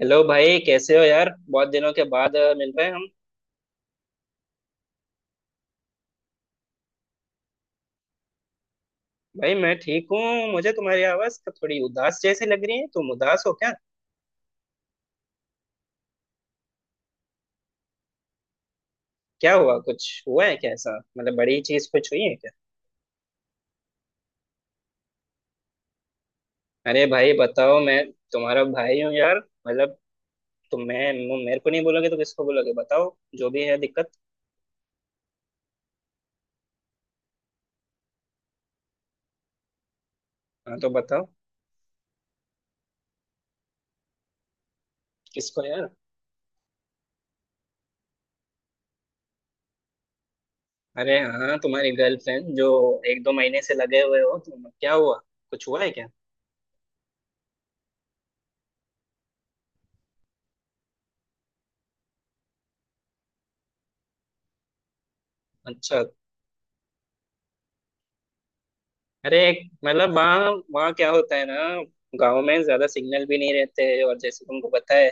Hello भाई, कैसे हो यार? बहुत दिनों के बाद मिल रहे हैं हम। भाई मैं ठीक हूँ, मुझे तुम्हारी आवाज का थोड़ी उदास जैसी लग रही है। तुम उदास हो क्या? क्या हुआ? कुछ हुआ है क्या ऐसा? मतलब बड़ी चीज कुछ हुई है क्या? अरे भाई बताओ, मैं तुम्हारा भाई हूँ यार। मतलब तुम, मैं, मेरे को नहीं बोलोगे तो किसको बोलोगे? बताओ, जो भी है दिक्कत। हाँ तो बताओ। किसको यार? अरे हाँ, तुम्हारी गर्लफ्रेंड जो एक दो महीने से लगे हुए हो तुम, क्या हुआ? कुछ हुआ है क्या? अच्छा। अरे मतलब वहाँ, वहाँ क्या होता है ना, गांव में ज्यादा सिग्नल भी नहीं रहते हैं। और जैसे तुमको पता है,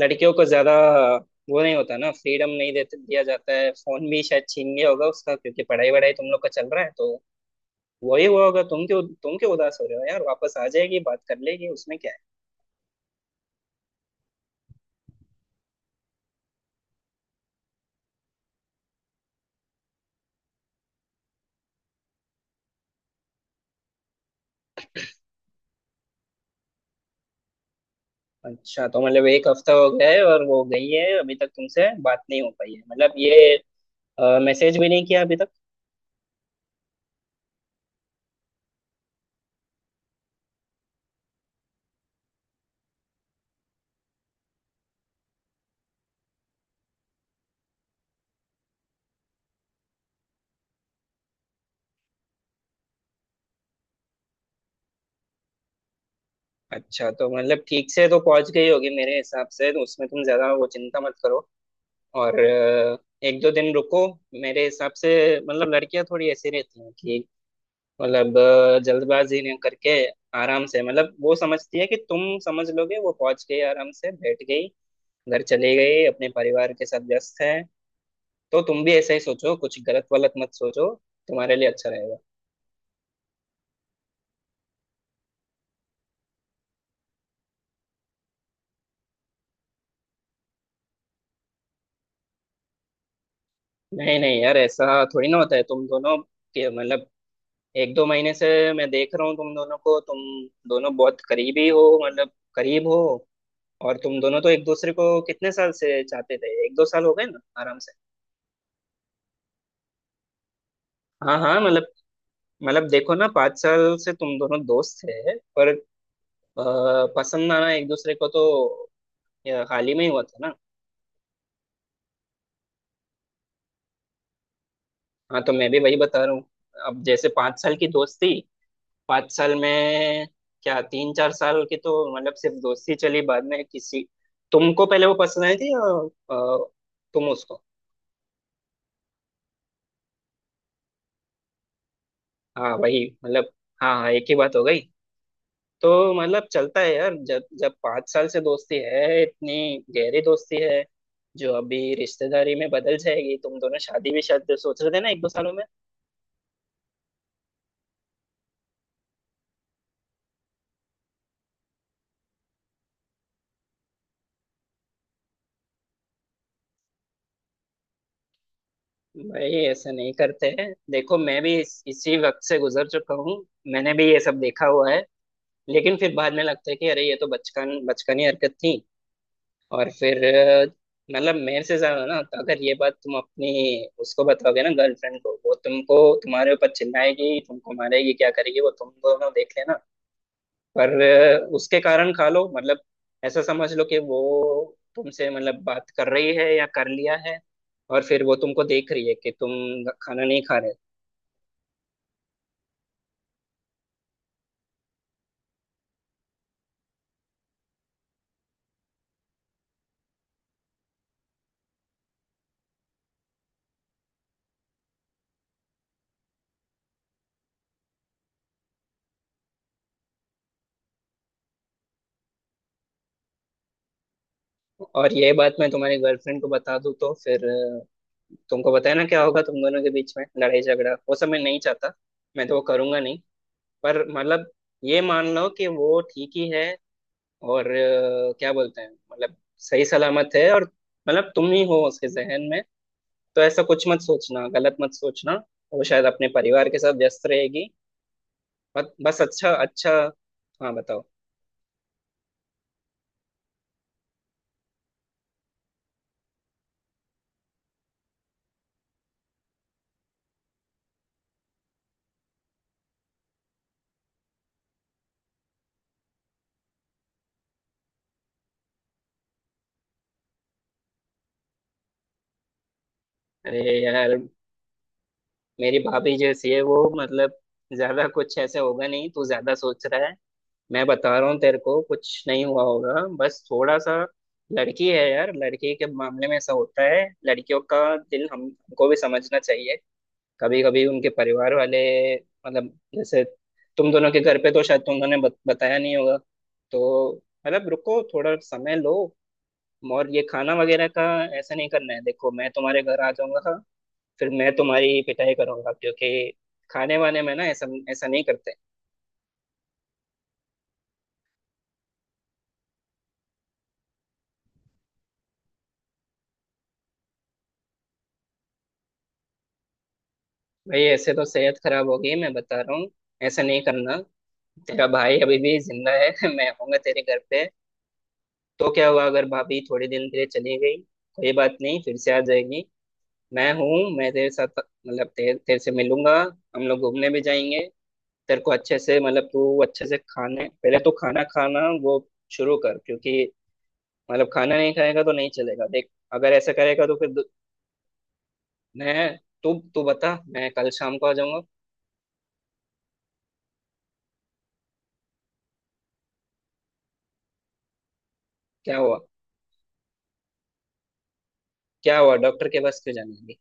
लड़कियों को ज्यादा वो नहीं होता ना, फ्रीडम नहीं देते, दिया जाता है। फोन भी शायद छीन गया होगा उसका, क्योंकि पढ़ाई वढ़ाई तुम लोग का चल रहा है, तो वही हुआ होगा। तुम क्यों, तुम क्यों उदास हो रहे हो यार? वापस आ जाएगी, बात कर लेगी, उसमें क्या है। अच्छा, तो मतलब एक हफ्ता हो गया है और वो गई है, अभी तक तुमसे बात नहीं हो पाई है, मतलब ये मैसेज भी नहीं किया अभी तक? अच्छा, तो मतलब ठीक से तो पहुंच गई होगी मेरे हिसाब से। तो उसमें तुम ज्यादा वो चिंता मत करो। और एक दो दिन रुको। मेरे हिसाब से मतलब लड़कियां थोड़ी ऐसी रहती हैं कि, मतलब जल्दबाजी नहीं करके आराम से, मतलब वो समझती है कि तुम समझ लोगे। वो पहुंच गई, आराम से बैठ गई, घर चली गई, अपने परिवार के साथ व्यस्त है। तो तुम भी ऐसा ही सोचो, कुछ गलत वलत मत सोचो, तुम्हारे लिए अच्छा रहेगा। नहीं नहीं यार, ऐसा थोड़ी ना होता है। तुम दोनों के मतलब एक दो महीने से मैं देख रहा हूँ तुम दोनों को। तुम दोनों बहुत करीबी हो, मतलब करीब हो। और तुम दोनों तो एक दूसरे को कितने साल से चाहते थे, एक दो साल हो गए ना आराम से। हाँ हाँ मतलब, मतलब देखो ना, पाँच साल से तुम दोनों दोस्त थे पर अ, पसंद आना एक दूसरे को तो हाल ही में ही हुआ था ना। हाँ तो मैं भी वही बता रहा हूँ। अब जैसे पाँच साल की दोस्ती, पाँच साल में क्या तीन चार साल की तो मतलब सिर्फ दोस्ती चली, बाद में किसी, तुमको पहले वो पसंद आई थी या अ, तुम उसको? हाँ वही मतलब। हाँ हाँ, एक ही बात हो गई। तो मतलब चलता है यार, जब जब पाँच साल से दोस्ती है, इतनी गहरी दोस्ती है जो अभी रिश्तेदारी में बदल जाएगी, तुम दोनों शादी भी शायद सोच रहे थे ना एक दो सालों में। भाई ऐसा नहीं करते हैं, देखो मैं भी इसी वक्त से गुजर चुका हूँ, मैंने भी ये सब देखा हुआ है। लेकिन फिर बाद में लगता है कि अरे ये तो बचपन, बचकानी हरकत थी। और फिर मतलब मेरे से ज्यादा ना, तो अगर ये बात तुम अपनी उसको बताओगे ना, गर्लफ्रेंड को, वो तुमको, तुम्हारे ऊपर चिल्लाएगी, तुमको मारेगी, क्या करेगी वो तुम दोनों देख लेना। पर उसके कारण खा लो, मतलब ऐसा समझ लो कि वो तुमसे मतलब बात कर रही है या कर लिया है। और फिर वो तुमको देख रही है कि तुम खाना नहीं खा रहे। और ये बात मैं तुम्हारी गर्लफ्रेंड को बता दूँ तो फिर तुमको पता है ना क्या होगा। तुम दोनों के बीच में लड़ाई झगड़ा, वो सब मैं नहीं चाहता, मैं तो वो करूंगा नहीं। पर मतलब ये मान लो कि वो ठीक ही है और क्या बोलते हैं, मतलब सही सलामत है। और मतलब तुम ही हो उसके जहन में, तो ऐसा कुछ मत सोचना, गलत मत सोचना। वो शायद अपने परिवार के साथ व्यस्त रहेगी। बस बस, अच्छा अच्छा। हाँ बताओ। अरे यार, मेरी भाभी जैसी है वो, मतलब ज्यादा कुछ ऐसे होगा नहीं, तू ज्यादा सोच रहा है। मैं बता रहा हूँ तेरे को, कुछ नहीं हुआ होगा, बस थोड़ा सा। लड़की है यार, लड़की के मामले में ऐसा होता है, लड़कियों का दिल हम, हमको भी समझना चाहिए। कभी कभी उनके परिवार वाले मतलब जैसे, तुम दोनों के घर पे तो शायद तुम दोनों ने बताया नहीं होगा तो मतलब रुको, थोड़ा समय लो। और ये खाना वगैरह का ऐसा नहीं करना है, देखो मैं तुम्हारे घर आ जाऊंगा, फिर मैं तुम्हारी पिटाई करूंगा। क्योंकि खाने वाने में ना ऐसा, ऐसा नहीं करते। भाई ऐसे तो सेहत खराब होगी, मैं बता रहा हूँ, ऐसा नहीं करना। तेरा भाई अभी भी जिंदा है। मैं आऊंगा तेरे घर पे। तो क्या हुआ अगर भाभी थोड़ी दिन के लिए चली गई, कोई बात नहीं, फिर से आ जाएगी। मैं हूँ, मैं तेरे साथ, मतलब तेरे, तेरे से मिलूंगा, हम लोग घूमने भी जाएंगे। तेरे को अच्छे से मतलब, तू अच्छे से खाने, पहले तो खाना खाना वो शुरू कर, क्योंकि मतलब खाना नहीं खाएगा तो नहीं चलेगा। देख अगर ऐसा करेगा तो फिर दु-। मैं, तू तू बता, मैं कल शाम को आ जाऊंगा। क्या हुआ? क्या हुआ डॉक्टर के पास क्यों जाने लगी?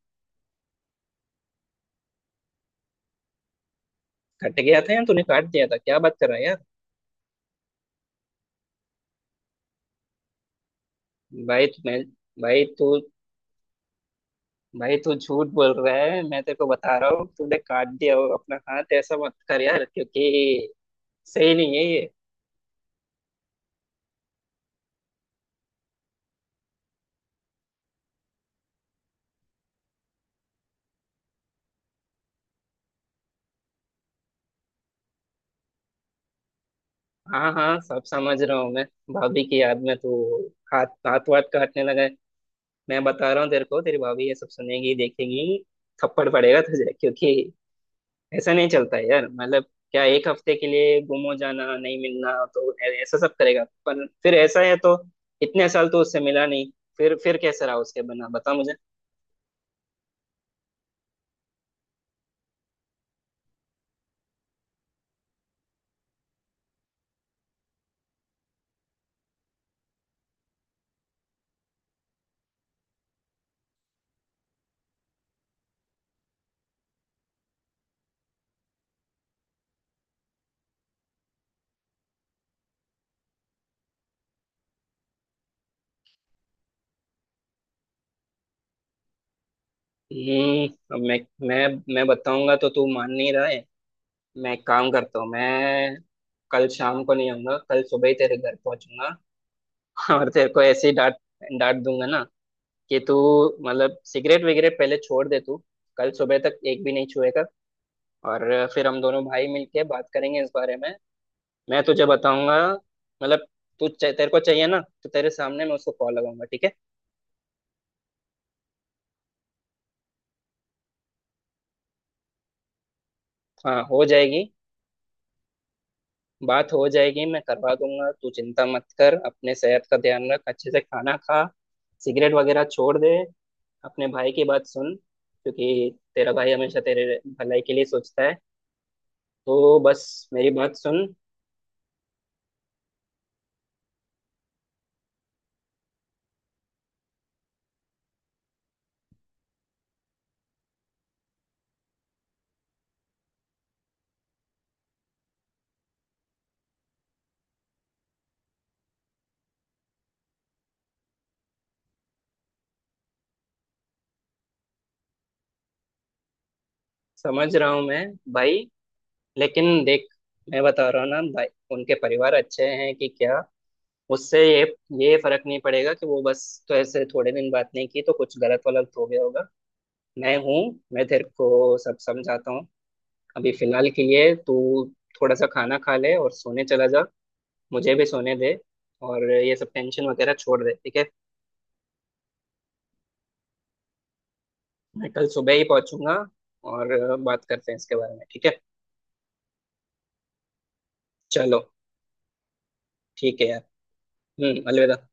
कट गया था या तूने काट दिया था? क्या बात कर रहा है यार। भाई मैं, भाई तू, भाई तू झूठ बोल रहा है, मैं तेरे को बता रहा हूँ। तूने काट दिया हो अपना हाथ, ऐसा मत कर यार, क्योंकि सही नहीं है ये। हाँ हाँ, सब समझ रहा हूँ मैं। भाभी की याद में तू हाथ, हाथ वाथ काटने लगा है। मैं बता रहा हूँ तेरे को, तेरी भाभी ये सब सुनेगी देखेगी, थप्पड़ पड़ेगा तुझे। क्योंकि ऐसा नहीं चलता है यार, मतलब क्या एक हफ्ते के लिए गुम हो जाना, नहीं मिलना तो ऐ- ऐसा सब करेगा? पर फिर ऐसा है तो इतने साल तो उससे मिला नहीं, फिर फिर कैसे रहा उसके बिना, बता मुझे। हम्म। अब मैं मैं बताऊंगा तो तू मान नहीं रहा है। मैं एक काम करता हूँ, मैं कल शाम को नहीं आऊंगा, कल सुबह ही तेरे घर पहुंचूंगा। और तेरे को ऐसे ही डांट, डांट दूंगा ना, कि तू मतलब सिगरेट वगैरह पहले छोड़ दे तू, कल सुबह तक एक भी नहीं छुएगा। और फिर हम दोनों भाई मिलके बात करेंगे इस बारे में, मैं तुझे बताऊंगा। मतलब तू, तेरे को चाहिए ना तो तेरे सामने मैं उसको कॉल लगाऊंगा, ठीक है? हाँ हो जाएगी। बात हो जाएगी, मैं करवा दूंगा, तू चिंता मत कर। अपने सेहत का ध्यान रख, अच्छे से खाना खा, सिगरेट वगैरह छोड़ दे। अपने भाई की बात सुन, क्योंकि तेरा भाई हमेशा तेरे भलाई के लिए सोचता है। तो बस मेरी बात सुन। समझ रहा हूँ मैं भाई, लेकिन देख, मैं बता रहा हूँ ना भाई, उनके परिवार अच्छे हैं कि क्या, उससे ये फर्क नहीं पड़ेगा कि वो बस तो ऐसे थोड़े दिन बात नहीं की तो कुछ गलत वलत हो गया होगा। मैं हूँ, मैं तेरे को सब समझाता हूँ। अभी फिलहाल के लिए तू थोड़ा सा खाना खा ले और सोने चला जा, मुझे भी सोने दे। और ये सब टेंशन वगैरह छोड़ दे, ठीक है? मैं कल सुबह ही पहुंचूंगा और बात करते हैं इसके बारे में, ठीक है? चलो, ठीक है यार। हम्म, अलविदा।